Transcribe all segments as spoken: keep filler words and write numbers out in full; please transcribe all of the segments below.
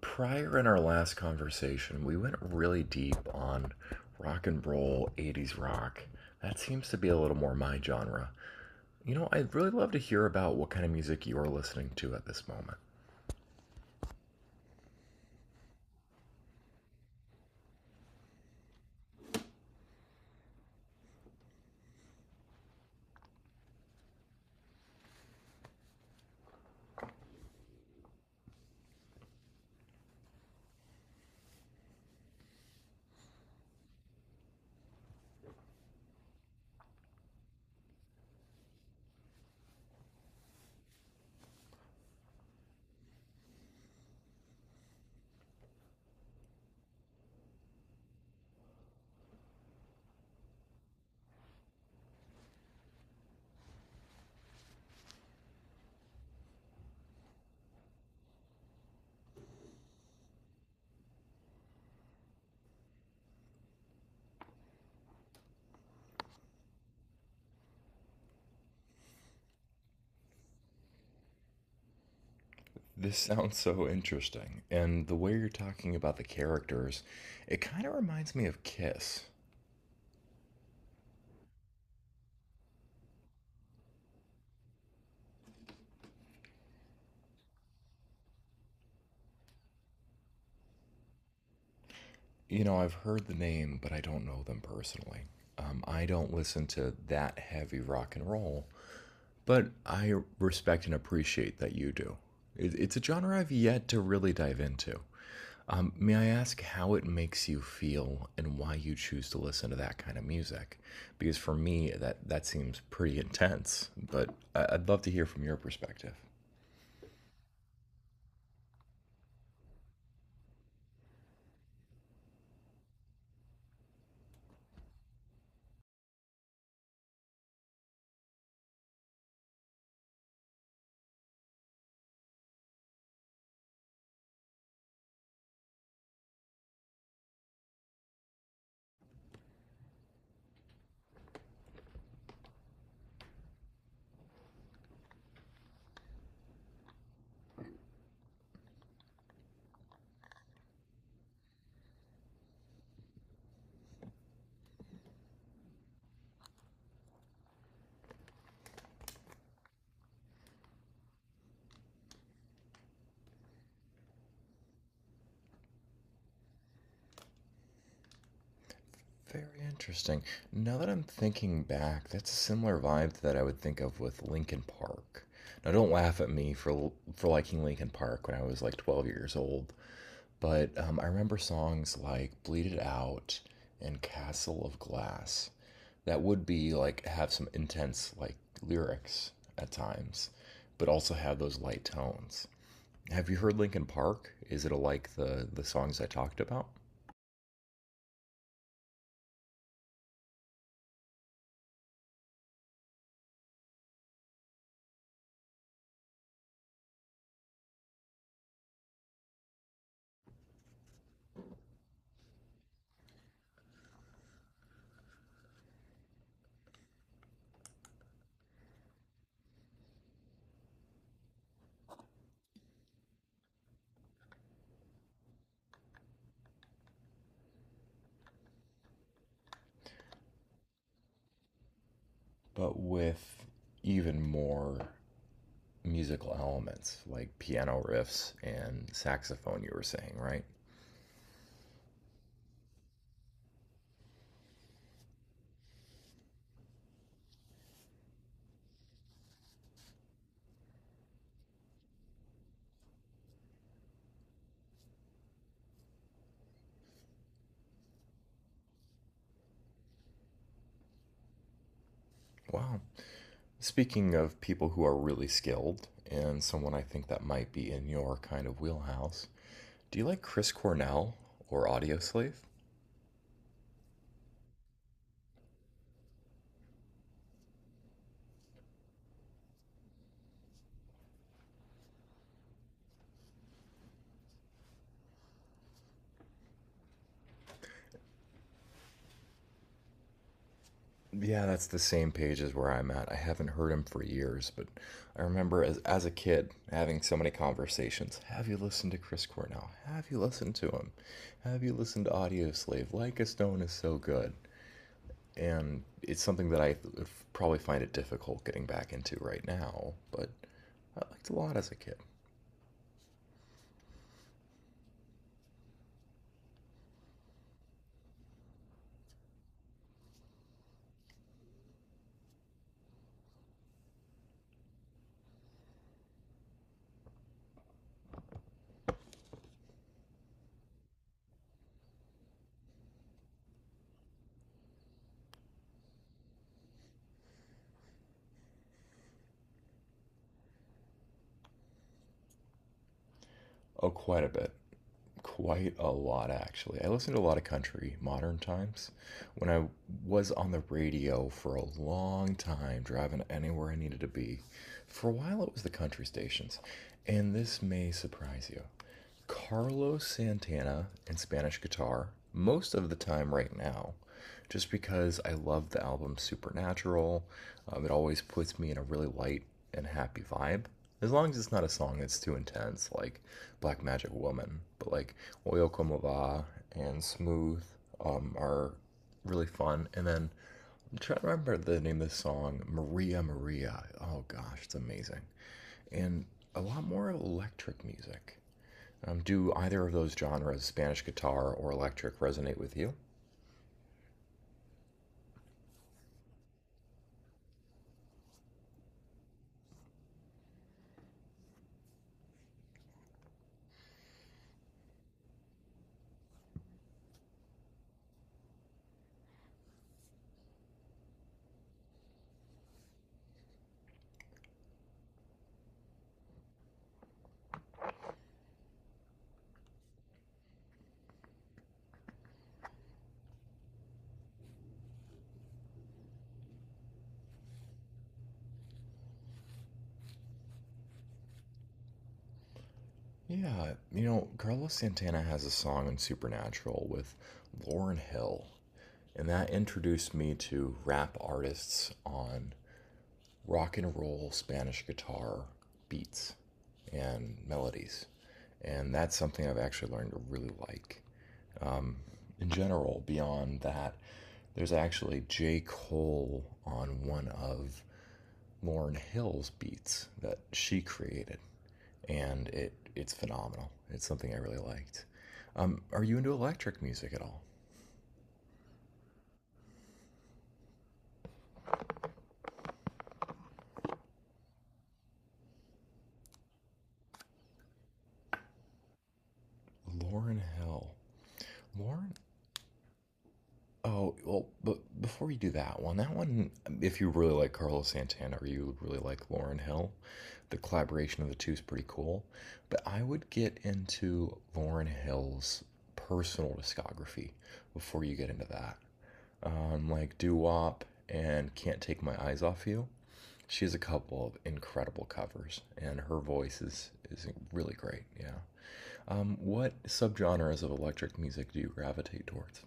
Prior in our last conversation, we went really deep on rock and roll, eighties rock. That seems to be a little more my genre. You know, I'd really love to hear about what kind of music you're listening to at this moment. This sounds so interesting, and the way you're talking about the characters, it kind of reminds me of Kiss. You know, I've heard the name, but I don't know them personally. Um, I don't listen to that heavy rock and roll, but I respect and appreciate that you do. It's a genre I've yet to really dive into. Um, may I ask how it makes you feel and why you choose to listen to that kind of music? Because for me, that, that seems pretty intense, but I'd love to hear from your perspective. Very interesting. Now that I'm thinking back, that's a similar vibe that I would think of with Linkin Park. Now, don't laugh at me for for liking Linkin Park when I was like twelve years old. But um, I remember songs like Bleed It Out and Castle of Glass that would be like have some intense like lyrics at times, but also have those light tones. Have you heard Linkin Park? Is it like the the songs I talked about, but with even more musical elements like piano riffs and saxophone? You were saying, right? Wow. Speaking of people who are really skilled, and someone I think that might be in your kind of wheelhouse, do you like Chris Cornell or Audioslave? Yeah, that's the same page as where I'm at. I haven't heard him for years, but I remember as, as a kid having so many conversations. Have you listened to Chris Cornell? Have you listened to him? Have you listened to Audioslave? Like a Stone is so good. And it's something that I th- would probably find it difficult getting back into right now, but I liked a lot as a kid. Oh, quite a bit. Quite a lot, actually. I listen to a lot of country modern times. When I was on the radio for a long time, driving anywhere I needed to be, for a while it was the country stations. And this may surprise you. Carlos Santana and Spanish guitar most of the time right now, just because I love the album Supernatural. Um, it always puts me in a really light and happy vibe. As long as it's not a song that's too intense, like Black Magic Woman, but like Oil Como Va and Smooth um, are really fun. And then I'm trying to remember the name of the song, Maria Maria. Oh gosh, it's amazing. And a lot more electric music. Um, do either of those genres, Spanish guitar or electric, resonate with you? Yeah, you know, Carlos Santana has a song in Supernatural with Lauren Hill, and that introduced me to rap artists on rock and roll Spanish guitar beats and melodies. And that's something I've actually learned to really like. In general, beyond that, there's actually J. Cole on one of Lauren Hill's beats that she created, and it it's phenomenal. It's something I really liked. Um, are you into electric music at all? Lauren Hill. Lauren? Oh, well, but before you do that one, that one, if you really like Carlos Santana or you really like Lauren Hill, the collaboration of the two is pretty cool. But I would get into Lauren Hill's personal discography before you get into that. Um, like Do Wop and Can't Take My Eyes Off You. She has a couple of incredible covers, and her voice is is really great. Yeah. Um, what subgenres of electric music do you gravitate towards?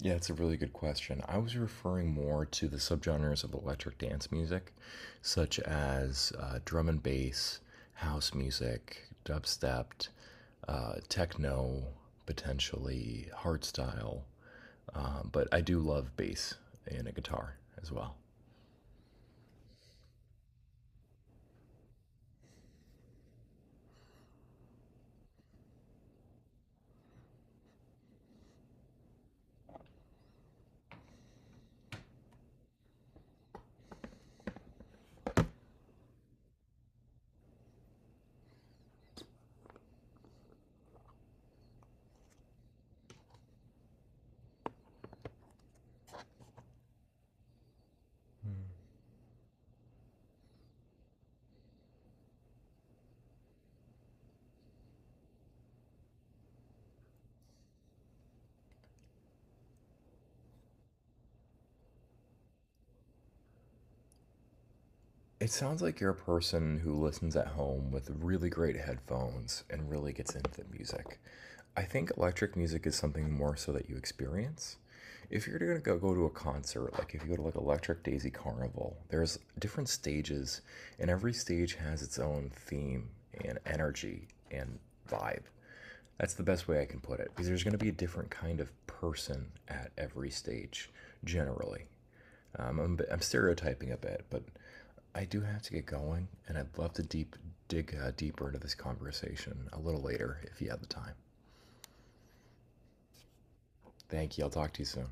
Yeah, it's a really good question. I was referring more to the subgenres of electric dance music, such as uh, drum and bass, house music, dubstep, uh, techno, potentially hardstyle. Uh, but I do love bass and a guitar as well. It sounds like you're a person who listens at home with really great headphones and really gets into the music. I think electric music is something more so that you experience. If you're gonna go, go to a concert, like if you go to like Electric Daisy Carnival, there's different stages, and every stage has its own theme and energy and vibe. That's the best way I can put it, because there's gonna be a different kind of person at every stage, generally. Um, I'm, I'm stereotyping a bit, but I do have to get going, and I'd love to deep dig uh, deeper into this conversation a little later if you have the time. Thank you. I'll talk to you soon.